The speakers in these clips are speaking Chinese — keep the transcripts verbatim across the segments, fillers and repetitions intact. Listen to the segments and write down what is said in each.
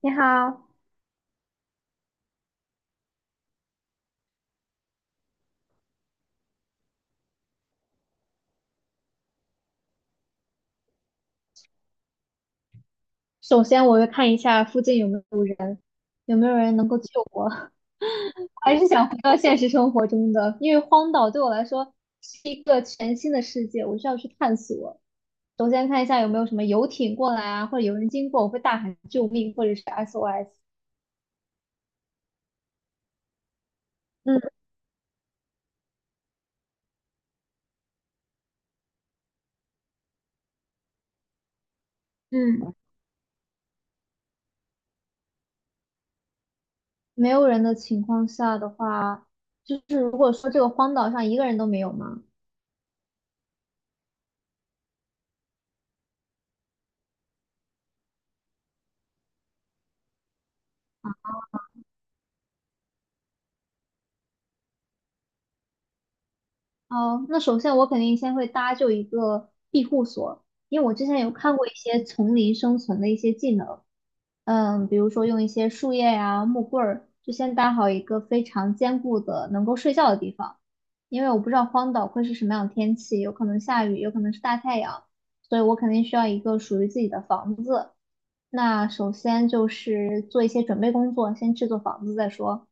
你好，首先，我要看一下附近有没有人，有没有人能够救我。还是想回到现实生活中的，因为荒岛对我来说是一个全新的世界，我需要去探索。首先看一下有没有什么游艇过来啊，或者有人经过，我会大喊救命或者是 S O S。嗯嗯没有人的情况下的话，就是如果说这个荒岛上一个人都没有吗？哦，那首先我肯定先会搭就一个庇护所，因为我之前有看过一些丛林生存的一些技能，嗯，比如说用一些树叶呀、木棍儿，就先搭好一个非常坚固的能够睡觉的地方，因为我不知道荒岛会是什么样的天气，有可能下雨，有可能是大太阳，所以我肯定需要一个属于自己的房子，那首先就是做一些准备工作，先制作房子再说。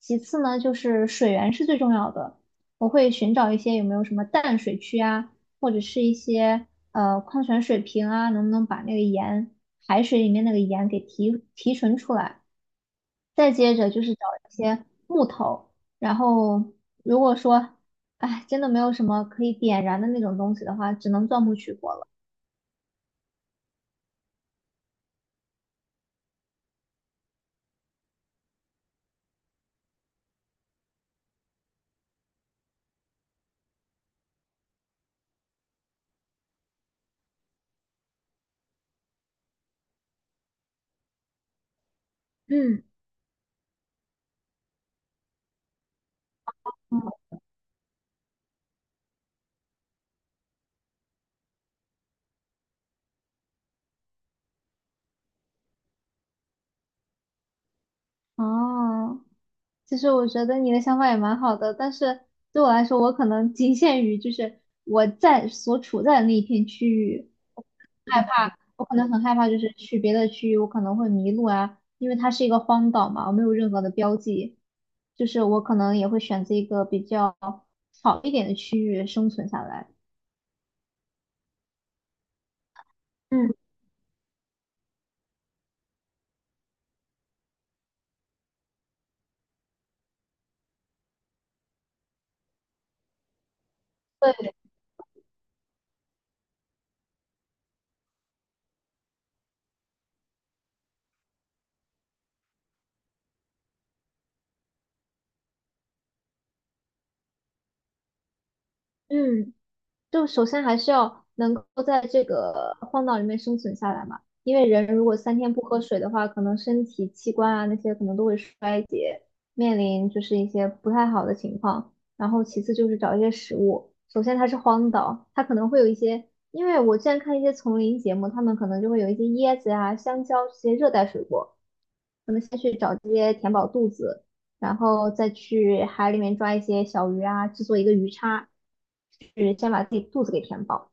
其次呢，就是水源是最重要的，我会寻找一些有没有什么淡水区啊，或者是一些呃矿泉水瓶啊，能不能把那个盐，海水里面那个盐给提提纯出来。再接着就是找一些木头，然后如果说，哎，真的没有什么可以点燃的那种东西的话，只能钻木取火了。嗯，嗯，哦。其实我觉得你的想法也蛮好的，但是对我来说，我可能仅限于就是我在所处在的那一片区域，害怕，我可能很害怕，就是去别的区域，我可能会迷路啊，因为它是一个荒岛嘛，我没有任何的标记，就是我可能也会选择一个比较好一点的区域生存下来。嗯对，嗯，就首先还是要能够在这个荒岛里面生存下来嘛，因为人如果三天不喝水的话，可能身体器官啊那些可能都会衰竭，面临就是一些不太好的情况。然后其次就是找一些食物，首先它是荒岛，它可能会有一些，因为我之前看一些丛林节目，他们可能就会有一些椰子啊、香蕉这些热带水果，可能先去找这些填饱肚子。然后再去海里面抓一些小鱼啊，制作一个鱼叉，是先把自己肚子给填饱。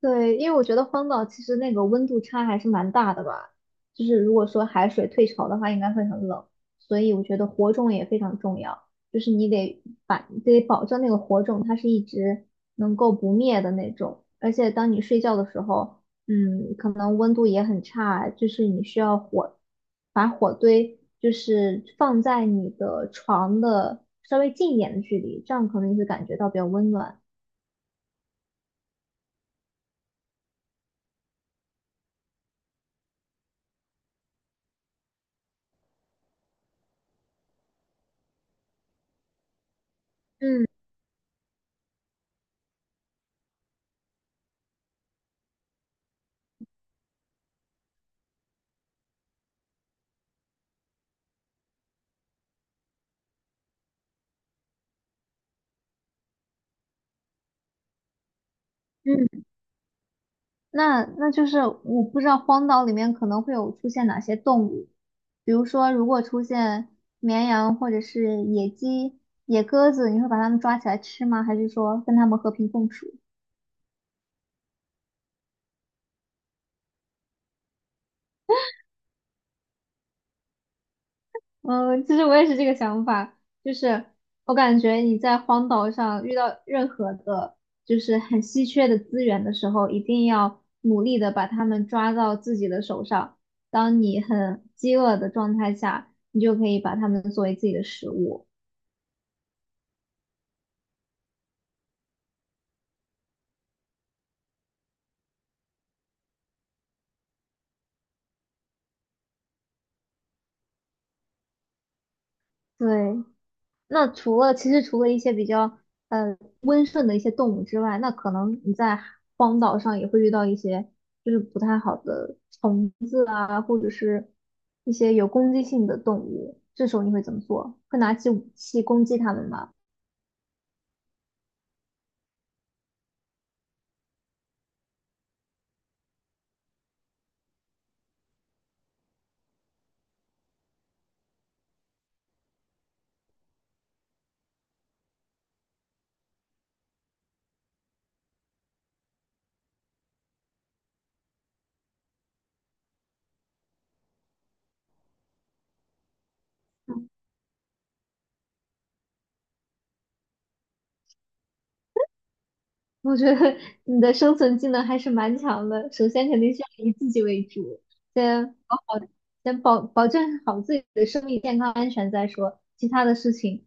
对，因为我觉得荒岛其实那个温度差还是蛮大的吧，就是如果说海水退潮的话，应该会很冷，所以我觉得火种也非常重要，就是你得把得保证那个火种它是一直能够不灭的那种，而且当你睡觉的时候，嗯，可能温度也很差，就是你需要火把火堆就是放在你的床的稍微近一点的距离，这样可能你会感觉到比较温暖。嗯嗯。那那就是我不知道荒岛里面可能会有出现哪些动物，比如说如果出现绵羊或者是野鸡、野鸽子，你会把它们抓起来吃吗？还是说跟它们和平共处？嗯，其实我也是这个想法，就是我感觉你在荒岛上遇到任何的，就是很稀缺的资源的时候，一定要努力的把它们抓到自己的手上。当你很饥饿的状态下，你就可以把它们作为自己的食物。对，那除了其实除了一些比较呃温顺的一些动物之外，那可能你在荒岛上也会遇到一些就是不太好的虫子啊，或者是一些有攻击性的动物，这时候你会怎么做？会拿起武器攻击它们吗？嗯我觉得你的生存技能还是蛮强的。首先肯定是要以自己为主，先保好，先保保证好自己的生命健康安全再说，其他的事情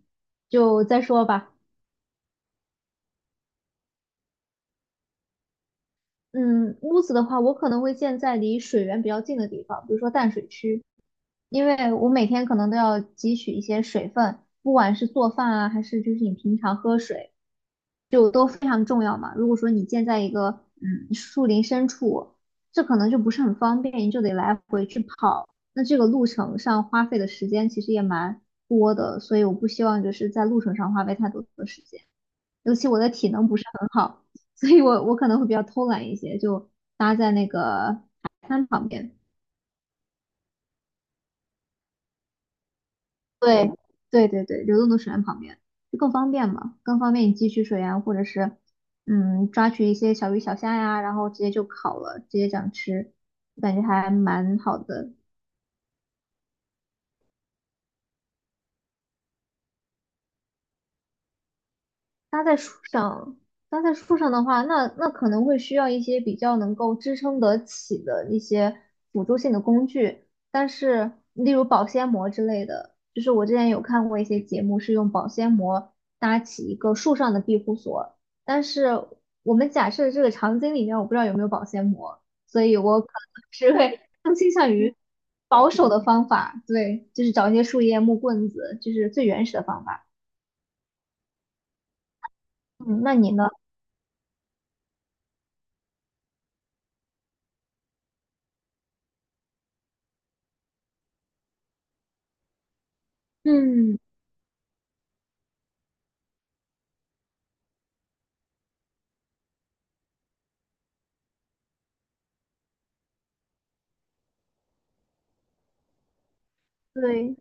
就再说吧。嗯，屋子的话，我可能会建在离水源比较近的地方，比如说淡水区，因为我每天可能都要汲取一些水分，不管是做饭啊，还是就是你平常喝水，就都非常重要嘛。如果说你建在一个嗯树林深处，这可能就不是很方便，你就得来回去跑，那这个路程上花费的时间其实也蛮多的，所以我不希望就是在路程上花费太多的时间。尤其我的体能不是很好，所以我我可能会比较偷懒一些，就搭在那个海滩旁边。对，对对对，流动的水源旁边就更方便嘛，更方便你汲取水源，或者是嗯抓取一些小鱼小虾呀，然后直接就烤了，直接这样吃，感觉还蛮好的。搭在树上，搭在树上的话，那那可能会需要一些比较能够支撑得起的一些辅助性的工具，但是例如保鲜膜之类的，就是我之前有看过一些节目是用保鲜膜搭起一个树上的庇护所，但是我们假设这个场景里面我不知道有没有保鲜膜，所以我可能是会更倾向于保守的方法，对，就是找一些树叶、木棍子，就是最原始的方法。嗯，那你呢？嗯对，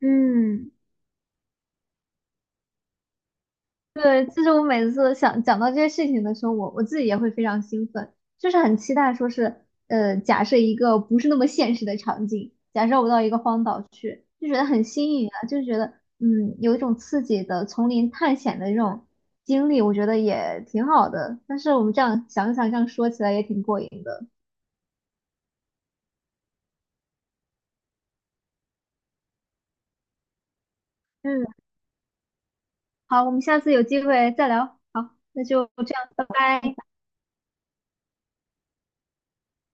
嗯，对，其实我每次想讲到这些事情的时候，我我自己也会非常兴奋，就是很期待，说是，呃，假设一个不是那么现实的场景，假设我到一个荒岛去，就觉得很新颖啊，就觉得，嗯，有一种刺激的丛林探险的这种经历，我觉得也挺好的。但是我们这样想一想，这样说起来也挺过瘾的。嗯，好，我们下次有机会再聊。好，那就这样，拜拜。